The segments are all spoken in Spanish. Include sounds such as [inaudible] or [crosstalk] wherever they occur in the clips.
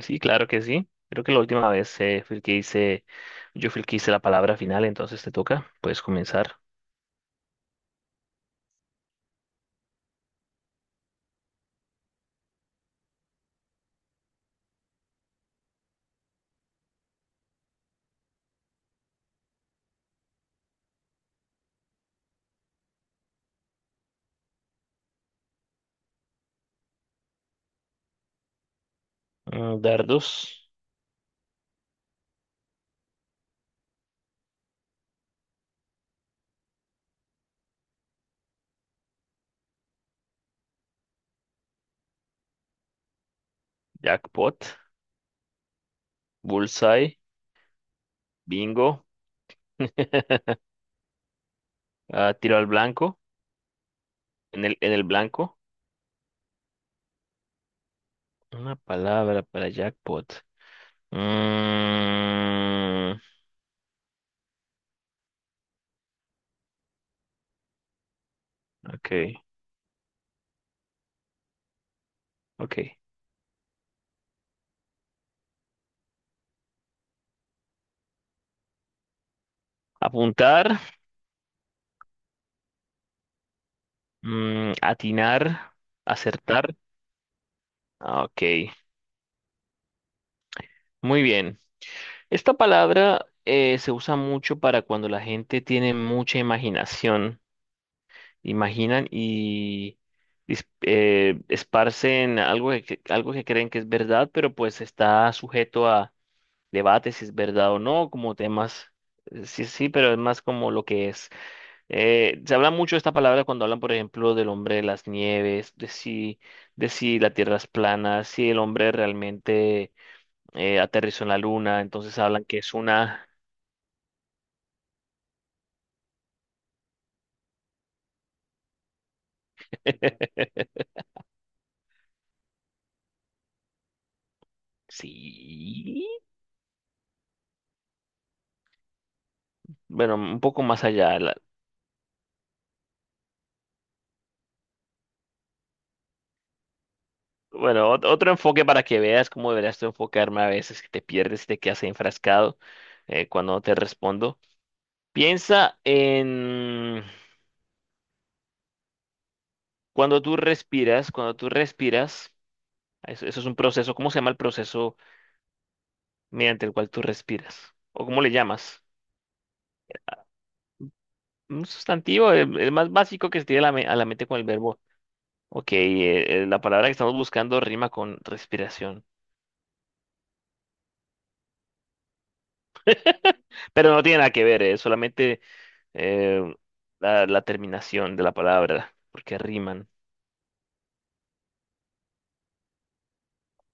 Sí, claro que sí. Creo que la última vez fui el que hice, yo fui el que hice la palabra final, entonces te toca. Puedes comenzar. Mm, dardos, jackpot, bullseye, bingo, ah, tiro al blanco, en el blanco. Una palabra para jackpot. Mm, ok, ok. Apuntar, atinar, acertar. Ah, ok, muy bien. Esta palabra se usa mucho para cuando la gente tiene mucha imaginación, imaginan y esparcen algo que, algo que creen que es verdad, pero pues está sujeto a debates si es verdad o no, como temas, sí, sí, pero es más como lo que es. Se habla mucho de esta palabra cuando hablan, por ejemplo, del hombre de las nieves, de si la tierra es plana, si el hombre realmente aterrizó en la luna, entonces hablan que es una [laughs] Sí, bueno, un poco más allá. Bueno, otro enfoque para que veas cómo deberías tú enfocarme a veces, que te pierdes y te quedas enfrascado cuando te respondo. Piensa en cuando tú respiras, eso es un proceso. ¿Cómo se llama el proceso mediante el cual tú respiras? ¿O cómo le llamas? Un sustantivo, el más básico que se tiene a la, a la mente con el verbo. Ok, la palabra que estamos buscando rima con respiración. Pero no tiene nada que ver, solamente eh, la, la terminación de la palabra, porque riman.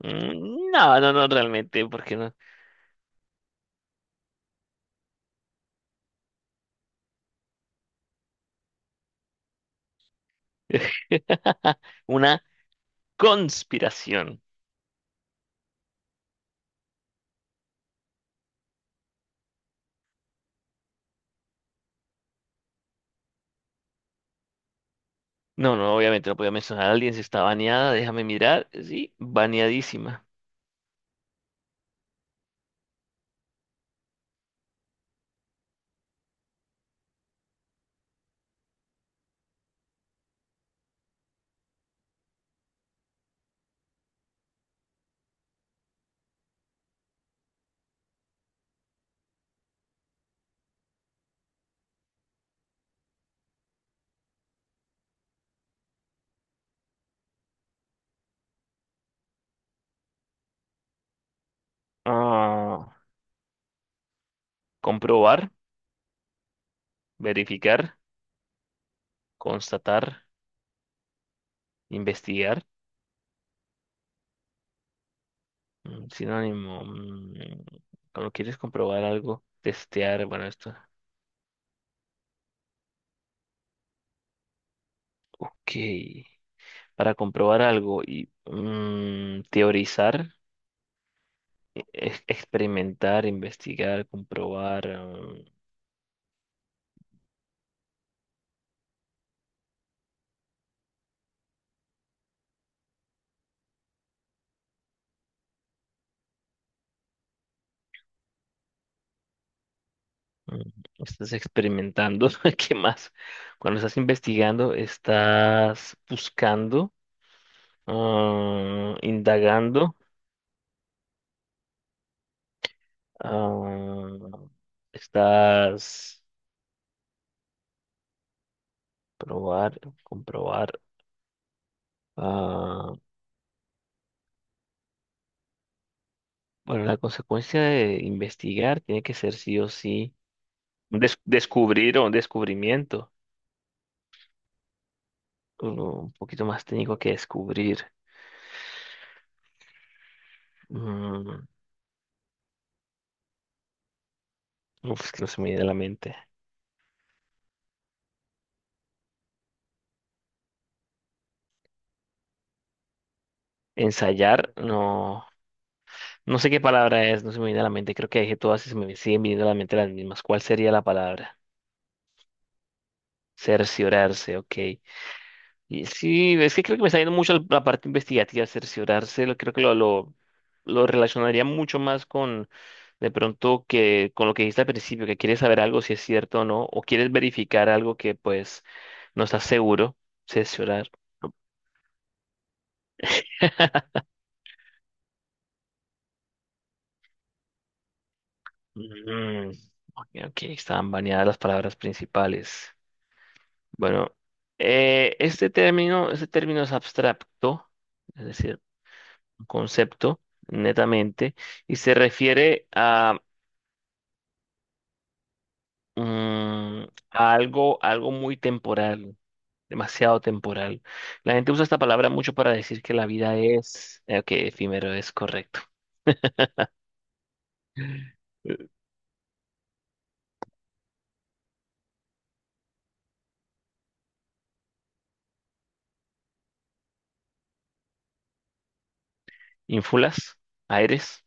Mm, no, no, no, realmente, porque no. [laughs] Una conspiración. No, no, obviamente no podía mencionar a alguien si está baneada, déjame mirar. Sí, baneadísima. Ah, comprobar, verificar, constatar, investigar. Mm, sinónimo. Cuando quieres comprobar algo, testear, bueno, esto. Ok. Para comprobar algo y teorizar, experimentar, investigar, comprobar. Mm, Estás experimentando, [laughs] ¿qué más? Cuando estás investigando, estás buscando, ah, indagando, ah, estás probar, comprobar. Ah, bueno, la consecuencia de investigar tiene que ser sí o sí un descubrir o un descubrimiento. Uno un poquito más técnico que descubrir. Mm, uf, es que no se me viene a la mente. Ensayar, no. No sé qué palabra es, no se me viene a la mente. Creo que dije todas y se me siguen viniendo a la mente las mismas. ¿Cuál sería la palabra? Cerciorarse, ok. Y sí, es que creo que me está yendo mucho la la parte investigativa, cerciorarse, creo que lo relacionaría mucho más con de pronto que con lo que dijiste al principio, que quieres saber algo si es cierto o no, o quieres verificar algo que pues no estás seguro, cerciorar. [laughs] Mm, ok, ok, estaban baneadas las palabras principales. Bueno, este término es abstracto, es decir, un concepto netamente, y se refiere a mm, algo, algo muy temporal, demasiado temporal. La gente usa esta palabra mucho para decir que la vida es, que efímero es correcto. Eh, Ínfulas, aires.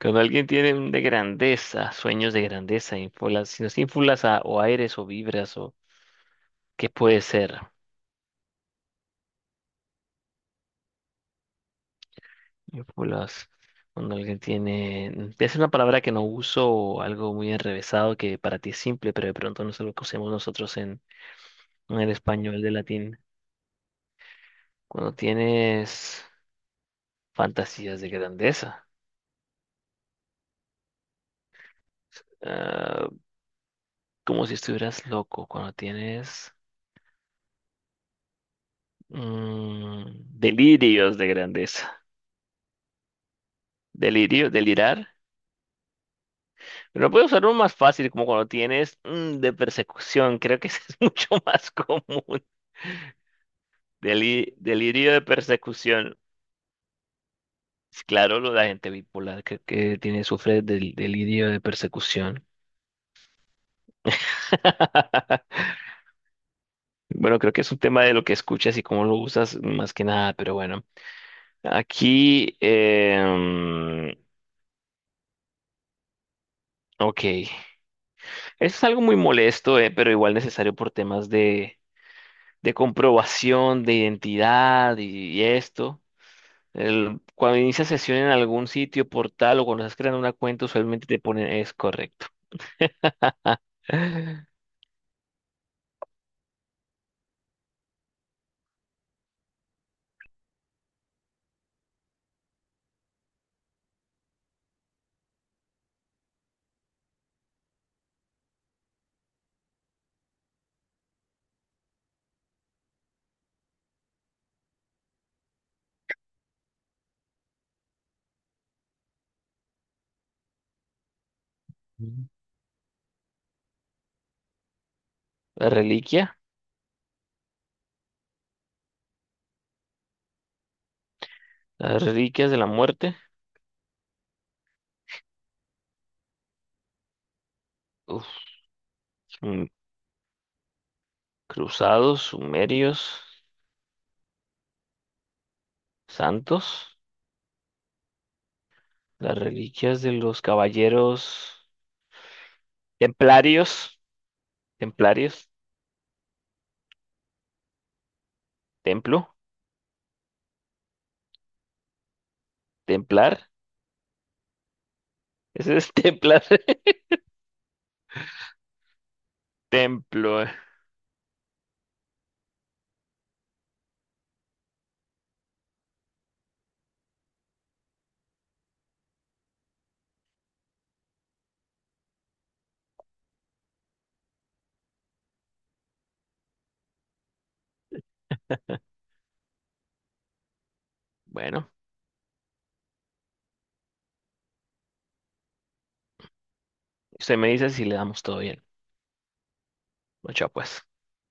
Cuando alguien tiene un de grandeza, sueños de grandeza, ínfulas, si no es ínfulas o aires o vibras o qué puede ser, ínfulas. Cuando alguien tiene, es una palabra que no uso o algo muy enrevesado que para ti es simple, pero de pronto no es lo que usemos nosotros en el español de latín. Cuando tienes fantasías de grandeza, ah, como si estuvieras loco. Cuando tienes mm, delirios de grandeza. Delirio, delirar. Pero puedo usar uno más fácil, como cuando tienes de persecución. Creo que ese es [laughs] mucho más común. Delirio de persecución. Claro, la gente bipolar que tiene, sufre del delirio de persecución. [laughs] Bueno, creo que es un tema de lo que escuchas y cómo lo usas más que nada, pero bueno. Aquí, ok. Eso es algo muy molesto, pero igual necesario por temas de comprobación, de identidad y esto. Cuando inicias sesión en algún sitio, portal o cuando estás creando una cuenta, usualmente te ponen es correcto. [laughs] La reliquia, las reliquias de la muerte, uf, mm, cruzados, sumerios, santos, las reliquias de los caballeros templarios, templarios. ¿Templo? ¿Templar? Ese es [laughs] templar. Templo. Eh. Bueno, usted me dice si le damos todo bien. Mucha pues.